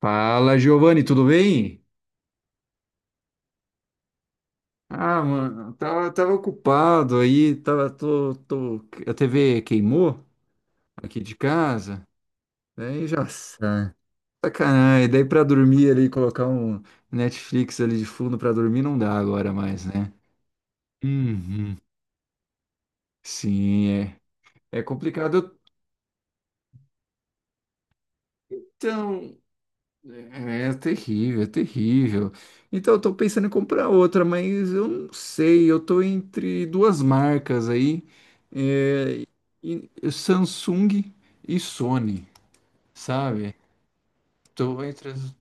Fala, Giovanni, tudo bem? Ah, mano, tava ocupado aí, tô, a TV queimou aqui de casa, daí já sabe. Sacanagem, daí pra dormir ali, colocar um Netflix ali de fundo pra dormir não dá agora mais, né? Uhum. Sim, é, é complicado. Então, é, é terrível, é terrível. Então, eu tô pensando em comprar outra, mas eu não sei. Eu tô entre duas marcas aí, é, e Samsung e Sony, sabe? Tô entre as...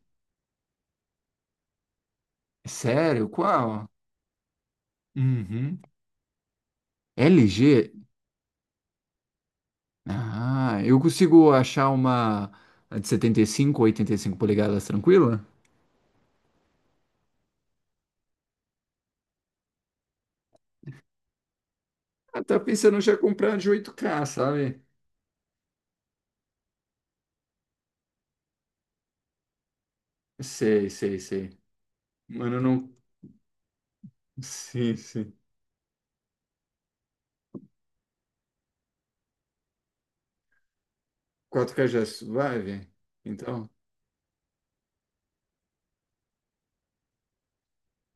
Sério? Qual? Uhum. LG? Ah, eu consigo achar uma de 75 ou cinco polegadas tranquila? Ah, tá pensando já comprar de oito k, sabe? Sei, sei, sei. Mano, eu não. Sim, sim. Kotka já suave? Então.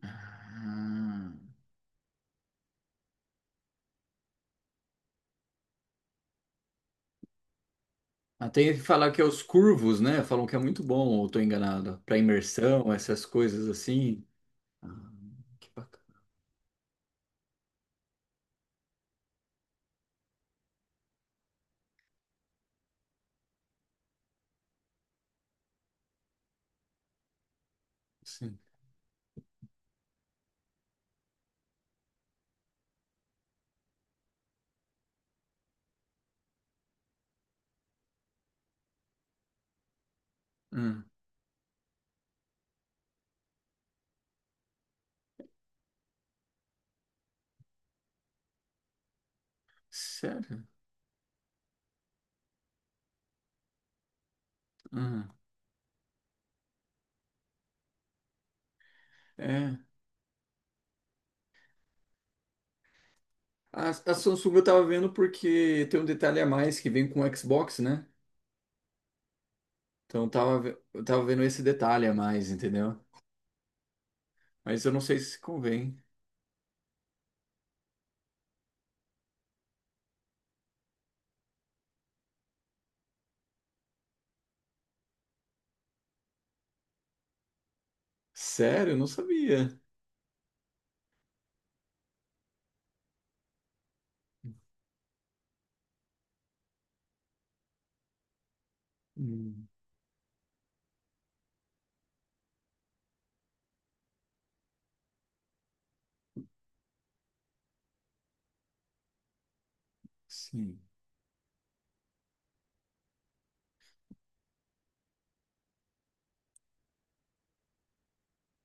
Ah, ah, tem que falar que é os curvos, né? Falam que é muito bom, ou tô enganado. Para imersão, essas coisas assim. Ah, que bacana. Sim. Hum, sério? Hum, é. A Samsung eu tava vendo porque tem um detalhe a mais que vem com o Xbox, né? Então eu tava, eu tava vendo esse detalhe a mais, entendeu? Mas eu não sei se convém. Sério? Eu não sabia. Hum, sim.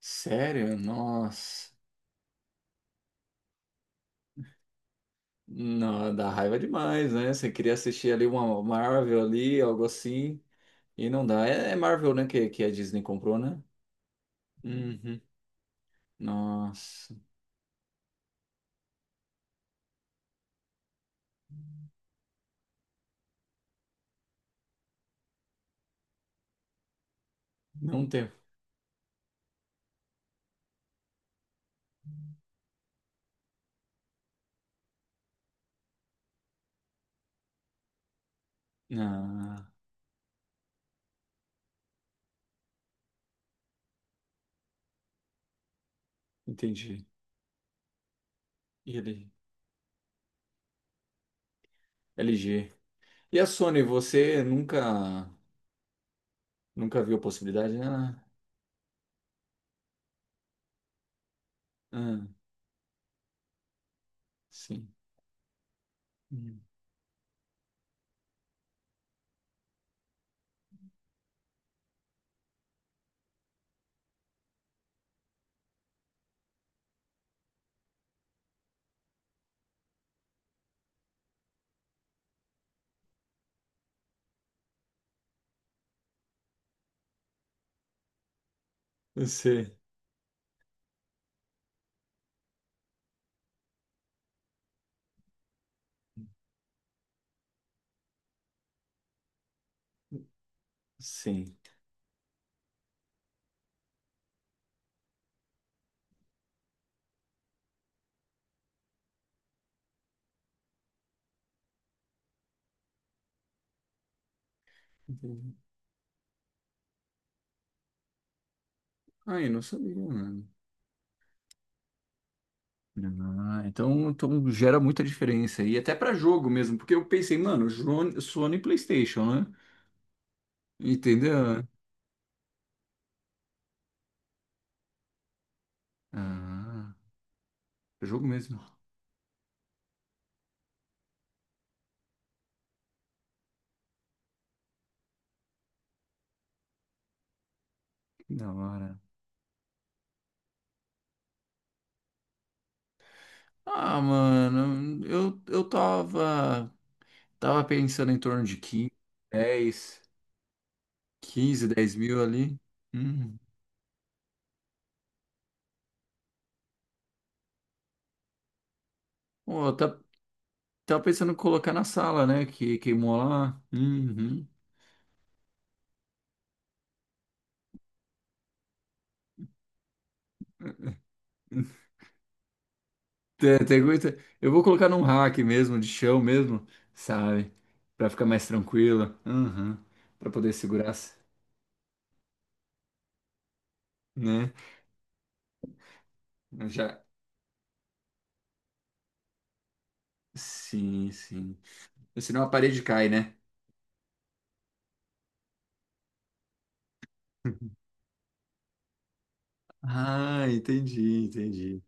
Sério? Nossa. Não, dá raiva demais, né? Você queria assistir ali uma Marvel ali, algo assim, e não dá. É, é Marvel, né, que a Disney comprou, né? Uhum. Nossa, não tem. Ah, entendi. E ele, LG. E a Sony, você nunca, nunca viu a possibilidade, né? Ah, sim. Hum. Eu sei. Sim. Entendi. Ai, não sabia, né? Ah, então, então gera muita diferença. E até pra jogo mesmo, porque eu pensei, mano, Sony e PlayStation, né? Entendeu? Ah, jogo mesmo. Que da hora. Ah, mano, eu tava, tava pensando em torno de 15, 10 15 10 mil ali. Hum. Pô, eu tá, tava pensando em colocar na sala, né? Que queimou lá. Uhum. Eu vou colocar num rack mesmo, de chão mesmo, sabe? Pra ficar mais tranquilo. Uhum. Pra poder segurar, né? Eu já. Sim, sim. Senão a parede cai, né? Ah, entendi, entendi.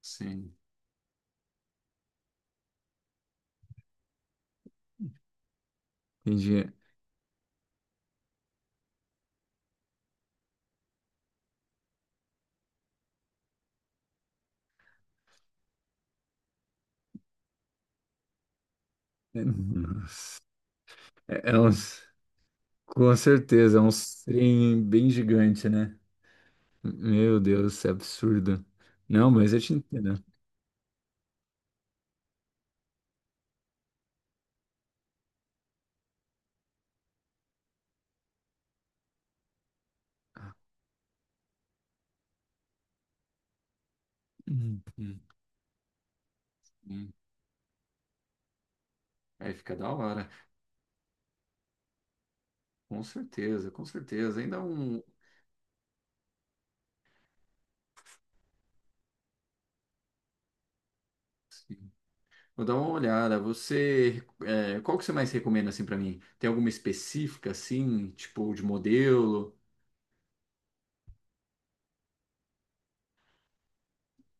Sim. Entendi. É, nossa. É- é uns... Com certeza, é um trem bem gigante, né? Meu Deus, isso é absurdo. Não, mas eu te entendo. Uhum. Aí fica da hora. Com certeza, com certeza. Ainda um. Vou dar uma olhada. Você, é, qual que você mais recomenda assim para mim? Tem alguma específica assim, tipo de modelo?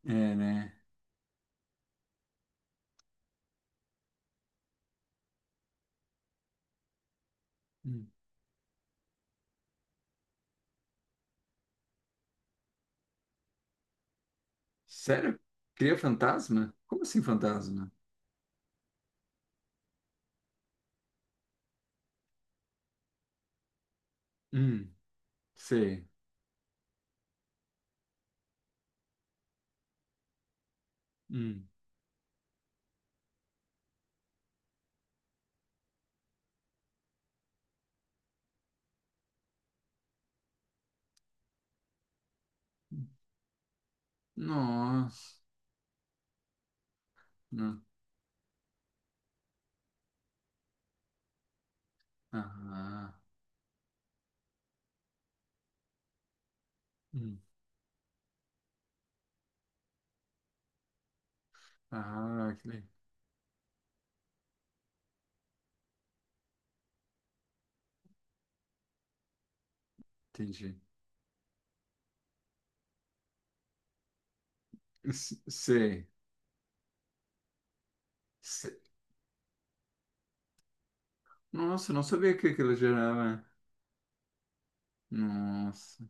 É, né? Hum. Sério? Cria fantasma? Como assim fantasma? Hum, sei. Hum. Nossa. Não. Ah, hum. Ah, que legal. Entendi. S- sei. Se- Nossa, eu não sabia que aquilo gerava. Nossa.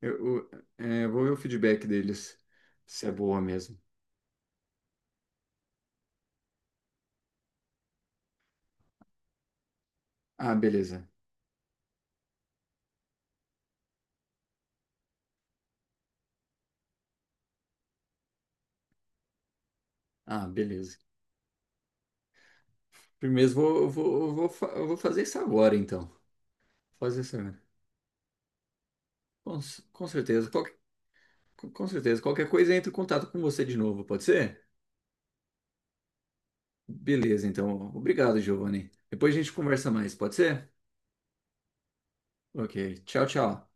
Eu, é, vou ver o feedback deles, se é boa mesmo. Ah, beleza. Ah, beleza. Primeiro, eu vou fazer isso agora, então. Fazer isso agora. Com certeza. Qualquer, com certeza. Qualquer coisa, entro em contato com você de novo, pode ser? Beleza, então. Obrigado, Giovanni. Depois a gente conversa mais, pode ser? Ok. Tchau, tchau.